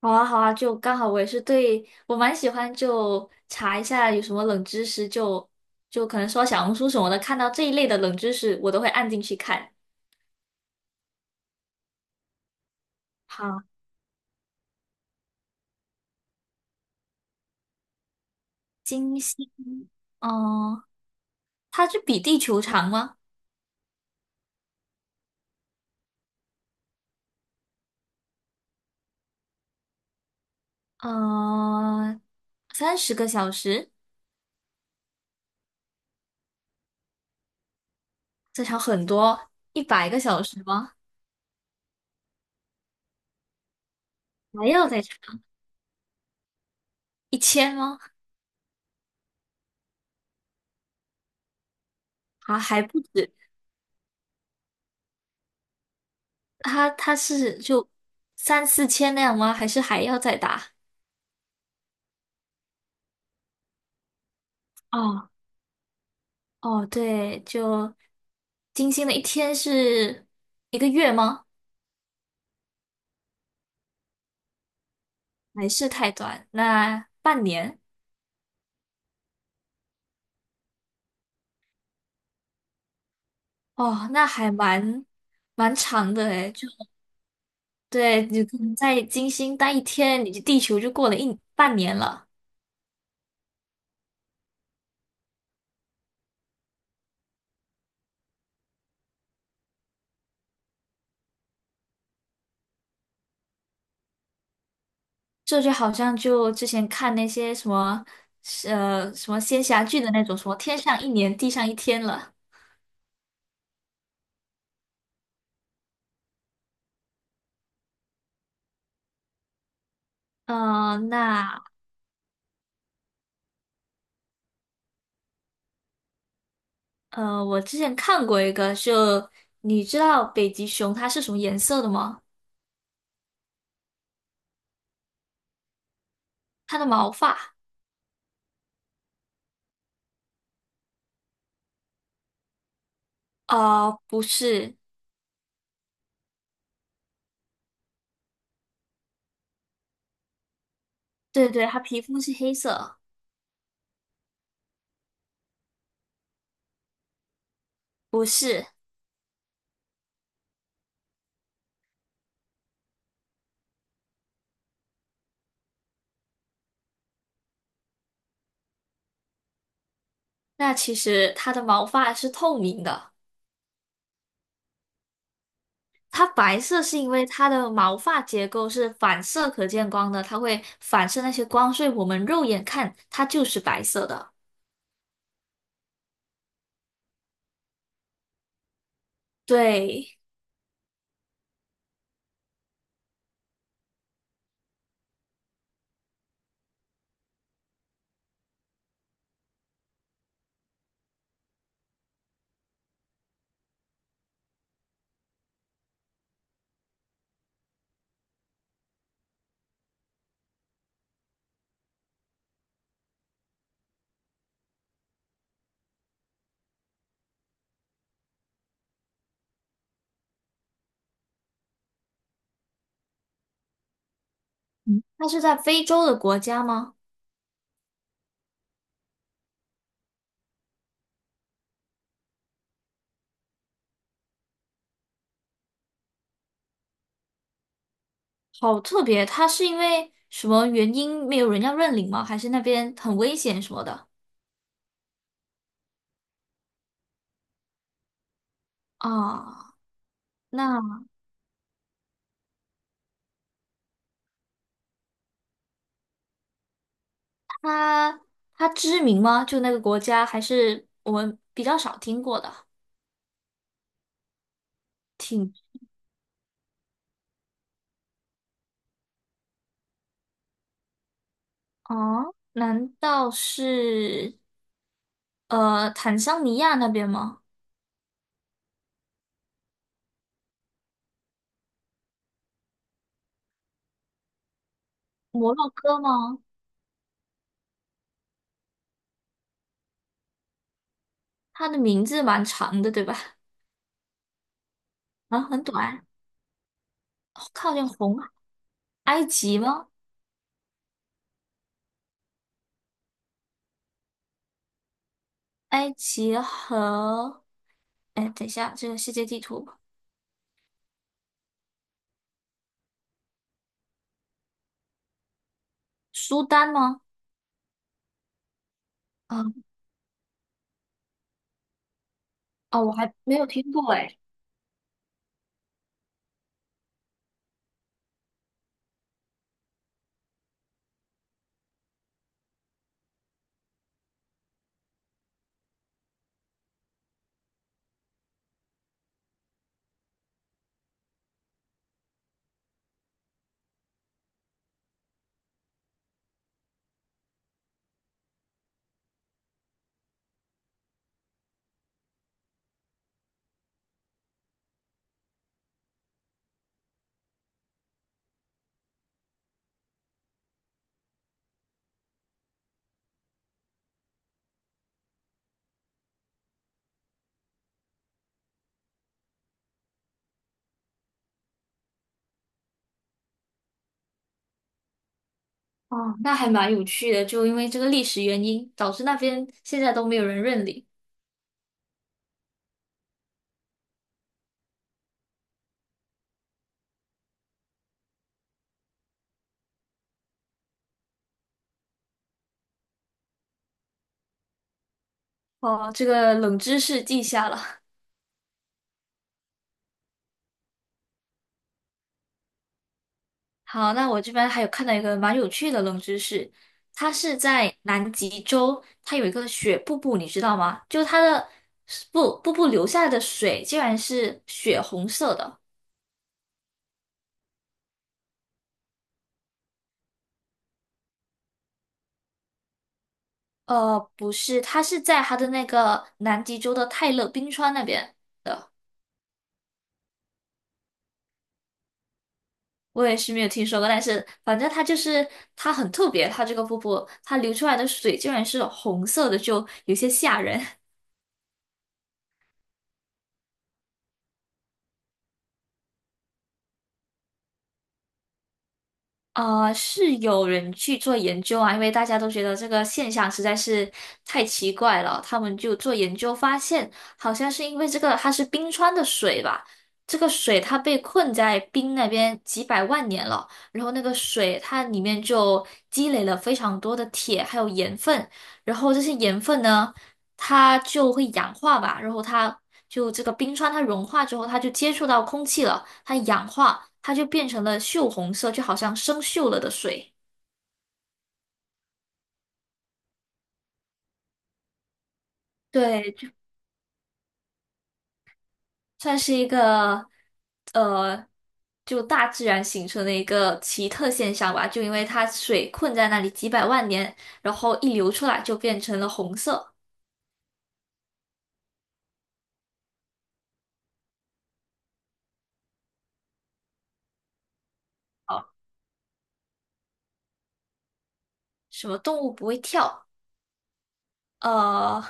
好啊，好啊，就刚好我也是对我蛮喜欢，就查一下有什么冷知识就可能说小红书什么的，看到这一类的冷知识，我都会按进去看。好，金星，嗯、它是比地球长吗？嗯、30个小时，再长很多，100个小时吗？还要再长1000吗？啊，还不止，它是就三四千那样吗？还是还要再大？哦，哦，对，就金星的一天是一个月吗？还是太短？那半年？哦，那还蛮长的诶，就对，你可能在金星待一天，你就地球就过了一半年了。这就好像就之前看那些什么仙侠剧的那种，什么天上一年，地上一天了。那我之前看过一个，就你知道北极熊它是什么颜色的吗？它的毛发，啊，不是，对对，它皮肤是黑色，不是。那其实它的毛发是透明的，它白色是因为它的毛发结构是反射可见光的，它会反射那些光，所以我们肉眼看它就是白色的。对，嗯，它是在非洲的国家吗？好特别，它是因为什么原因没有人要认领吗？还是那边很危险什么的？啊，那。它它知名吗？就那个国家，还是我们比较少听过的？挺哦，难道是坦桑尼亚那边吗？摩洛哥吗？它的名字蛮长的，对吧？啊，很短，哦靠近红海埃及吗？埃及和哎，等一下，这个世界地图，苏丹吗？啊、哦，我还没有听过哎。哦，那还蛮有趣的，就因为这个历史原因，导致那边现在都没有人认领。哦，这个冷知识记下了。好，那我这边还有看到一个蛮有趣的冷知识，它是在南极洲，它有一个雪瀑布，你知道吗？就它的瀑布流下来的水竟然是血红色的。不是，它是在它的那个南极洲的泰勒冰川那边的。我也是没有听说过，但是反正它就是它很特别，它这个瀑布它流出来的水竟然是红色的，就有些吓人。啊，是有人去做研究啊，因为大家都觉得这个现象实在是太奇怪了，他们就做研究发现，好像是因为这个它是冰川的水吧，这个水它被困在冰那边几百万年了，然后那个水它里面就积累了非常多的铁还有盐分，然后这些盐分呢。它就会氧化吧，然后它就这个冰川它融化之后，它就接触到空气了，它氧化，它就变成了锈红色，就好像生锈了的水。对，就算是一个呃，就大自然形成的一个奇特现象吧，就因为它水困在那里几百万年，然后一流出来就变成了红色。什么动物不会跳？呃，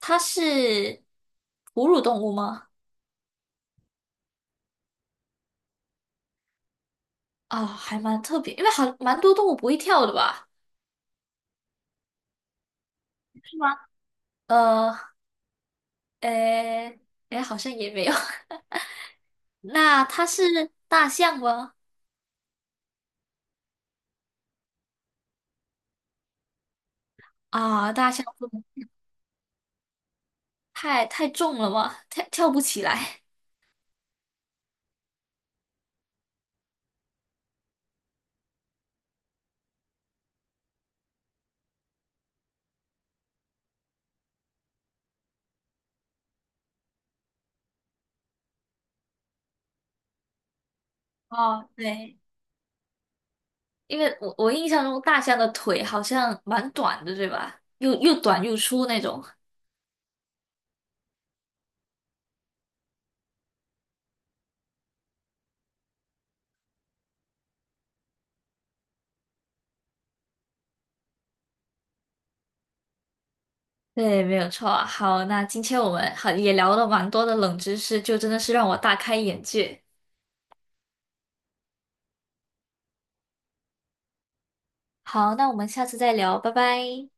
它是哺乳动物吗？哦，还蛮特别，因为蛮多动物不会跳的吧？是吗？呃，诶，诶，好像也没有。那它是大象吗？啊，大象不能太重了吗？跳不起来。哦，对，因为我印象中大象的腿好像蛮短的，对吧？又短又粗那种。对，没有错啊。好，那今天我们也聊了蛮多的冷知识，就真的是让我大开眼界。好，那我们下次再聊，拜拜。